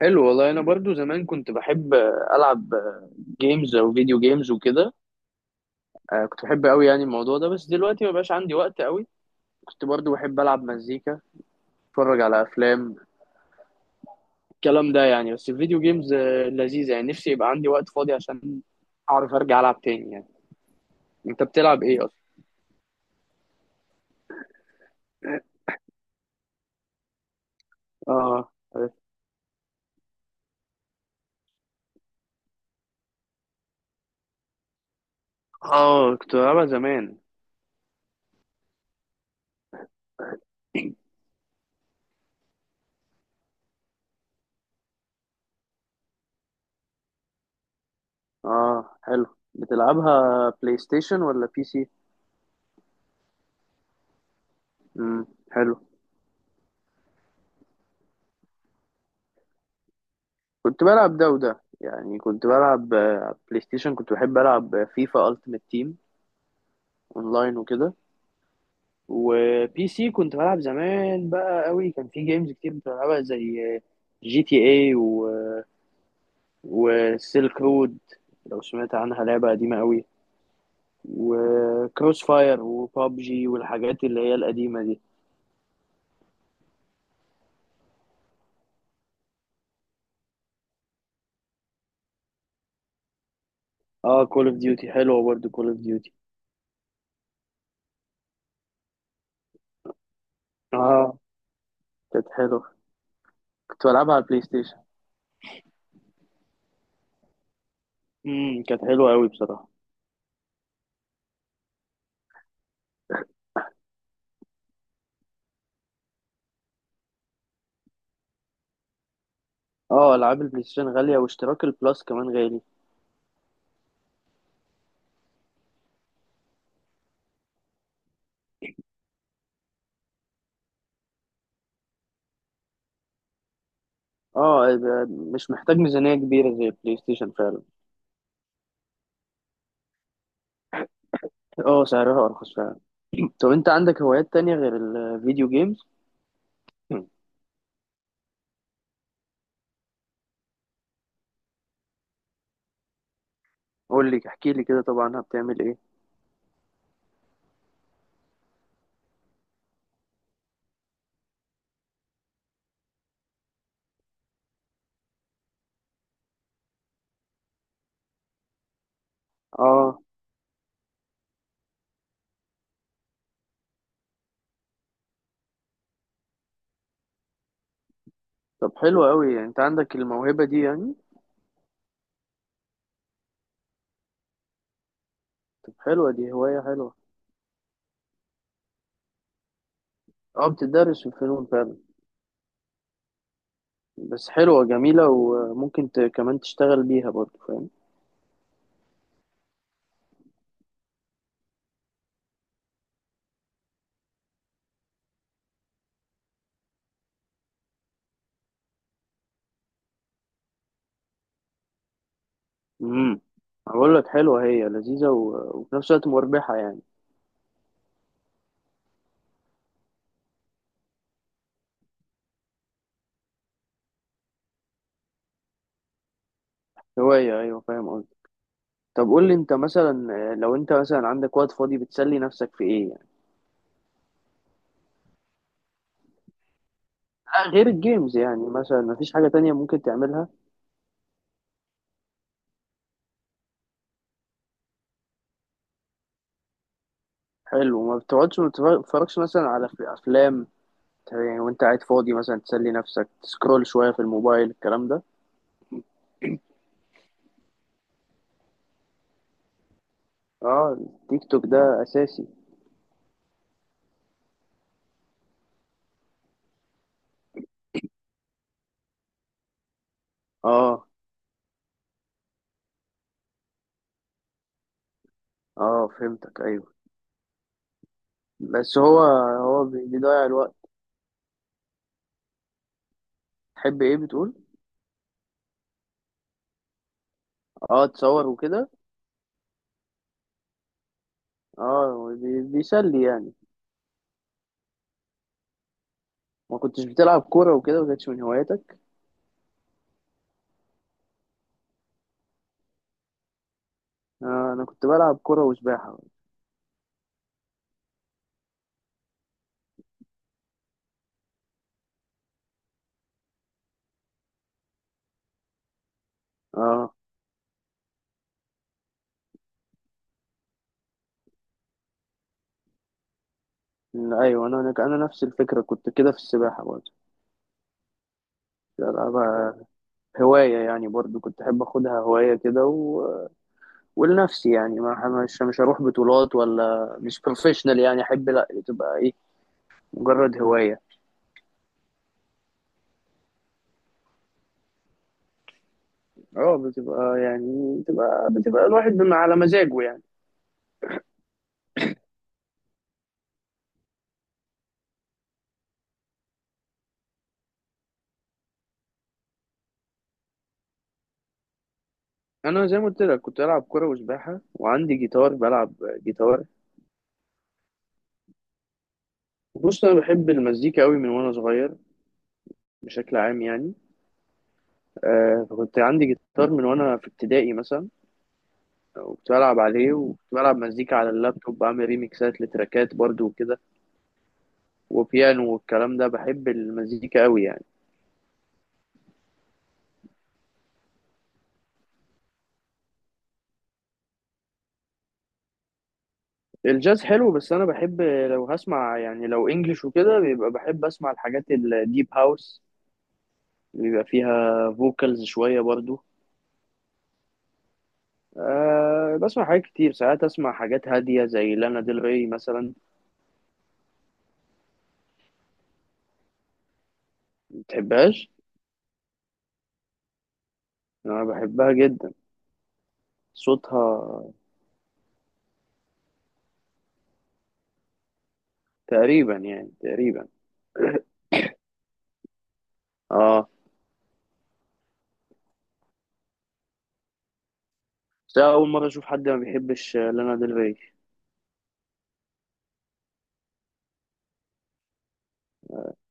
حلو، والله انا برضو زمان كنت بحب العب جيمز او فيديو جيمز وكده. كنت بحب قوي يعني الموضوع ده، بس دلوقتي ما بقاش عندي وقت قوي. كنت برضو بحب العب مزيكا، اتفرج على افلام، الكلام ده يعني. بس الفيديو جيمز لذيذة يعني، نفسي يبقى عندي وقت فاضي عشان اعرف ارجع العب تاني يعني. انت بتلعب ايه اصلا؟ اه. اه، كنت بلعبها زمان. اه، حلو. بتلعبها بلاي ستيشن ولا بي سي؟ امم، حلو. كنت بلعب ده وده يعني، كنت بلعب بلاي ستيشن، كنت بحب ألعب فيفا ألتيمت تيم أونلاين وكده. وبي سي كنت بلعب زمان بقى قوي، كان في جيمز كتير كنت بلعبها زي جي تي اي وسيلك رود، لو سمعت عنها لعبة قديمة قوي، وكروس فاير وبابجي والحاجات اللي هي القديمة دي. اه، كول اوف ديوتي حلوة برضه كول اوف ديوتي. اه، كانت حلوة، كنت بلعبها على البلاي ستيشن. كانت حلوة قوي بصراحة. اه، العاب البلاي ستيشن غالية واشتراك البلس كمان غالي. اه، يبقى مش محتاج ميزانية كبيرة زي البلاي ستيشن فعلا. اه، سعرها ارخص فعلا. طب انت عندك هوايات تانية غير الفيديو جيمز؟ قول لي، احكي لي كده، طبعا بتعمل ايه؟ اه. طب حلو قوي يعني، انت عندك الموهبة دي يعني. طب، حلوة دي، هواية حلوة. اه، بتدرس في الفنون فعلا. بس حلوة جميلة، وممكن كمان تشتغل بيها برضه، فاهم. امم. هقول لك حلوة، هي لذيذة و... وفي نفس الوقت مربحة يعني. هواية، ايوه، فاهم قصدي. طب قول لي انت مثلا لو انت مثلا عندك وقت فاضي بتسلي نفسك في ايه يعني؟ غير الجيمز يعني، مثلا مفيش حاجة تانية ممكن تعملها؟ حلو، ما بتقعدش ما بتتفرجش مثلا، على في افلام يعني وانت قاعد فاضي، مثلا تسلي نفسك، تسكرول شوية في الموبايل، الكلام ده. اه، التيك توك ده اساسي. اه، اه، فهمتك، ايوه. بس هو بيضيع الوقت. تحب ايه بتقول؟ اه، تصور وكده. اه، بيسلي يعني. ما كنتش بتلعب كورة وكده؟ ما كانتش من هواياتك؟ آه، انا كنت بلعب كرة وسباحة. اه. ايوه، انا نفس الفكرة، كنت كده في السباحة برضه. كنت بلعبها هواية يعني، برضه كنت احب اخدها هواية كده و... ولنفسي يعني. ما مش هروح بطولات ولا مش بروفيشنال يعني، احب لا، تبقى ايه، مجرد هواية. اه، بتبقى يعني بتبقى بتبقى الواحد بما على مزاجه يعني. انا زي ما قلت لك، كنت العب كرة وسباحة، وعندي جيتار بلعب جيتار. بص، انا بحب المزيكا قوي من وانا صغير، بشكل عام يعني. فكنت عندي جيتار من وانا في ابتدائي مثلا، وكنت بلعب عليه، وكنت بلعب مزيكا على اللابتوب، بعمل ريميكسات لتراكات برضو وكده، وبيانو والكلام ده، بحب المزيكا قوي يعني. الجاز حلو، بس انا بحب لو هسمع يعني لو انجلش وكده بيبقى بحب اسمع الحاجات الديب هاوس اللي بيبقى فيها فوكالز شوية برضو. أه، بسمع حاجات كتير، ساعات اسمع حاجات هادية زي لانا ديل ري مثلا. متحبهاش؟ انا بحبها جدا. صوتها. تقريبا يعني، تقريبا. اه، بس أنا أول مرة أشوف حد ما بيحبش لانا ديل ري.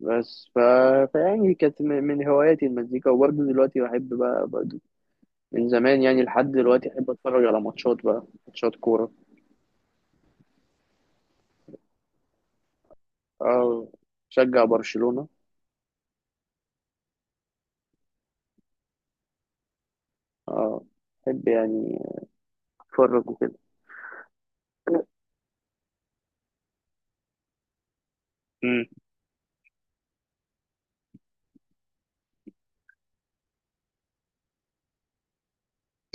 بس ف... فيعني كانت من هواياتي المزيكا، وبرضه دلوقتي بحب بقى برضه، من زمان يعني لحد دلوقتي أحب أتفرج على ماتشات بقى، ماتشات كورة. أه، شجع برشلونة. أه، أحب يعني أتفرج وكده. امم.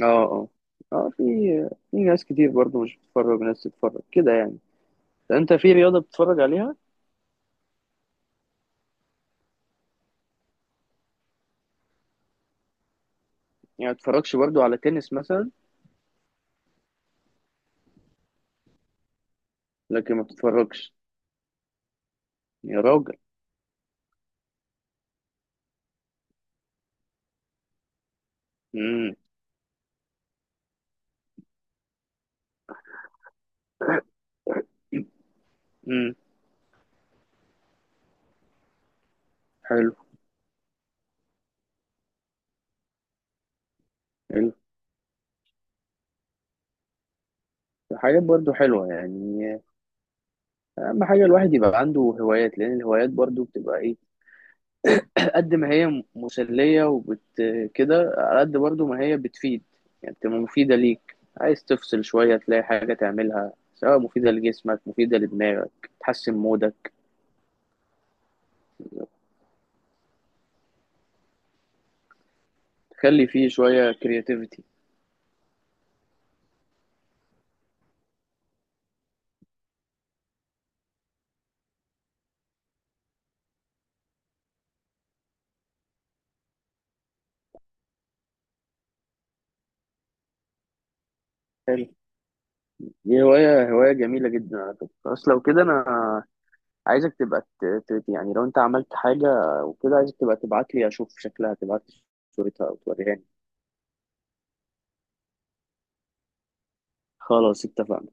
اه، اه، اه، في ناس كتير برضو مش بتتفرج، ناس تتفرج كده يعني. انت في رياضة بتتفرج عليها؟ يعني ما بتتفرجش برضو على تنس مثلا؟ لكن ما بتتفرجش؟ يا راجل. امم، امم، حلو، حلو، حاجات برضو حلوة يعني. أهم حاجة الواحد يبقى عنده هوايات، لأن الهوايات برضو بتبقى إيه، قد ما هي مسلية وبت كده، على قد برضو ما هي بتفيد يعني، بتبقى مفيدة ليك، عايز تفصل شوية تلاقي حاجة تعملها، سواء مفيدة لجسمك مفيدة لدماغك، تحسن مودك، تخلي فيه شوية كرياتيفيتي. حلو، دي هواية جميلة جدا على فكرة. خلاص لو كده، أنا عايزك تبقى يعني، لو أنت عملت حاجة وكده، عايزك تبقى تبعت لي أشوف شكلها، تبعت لي صورتها أو توريها. خلاص اتفقنا.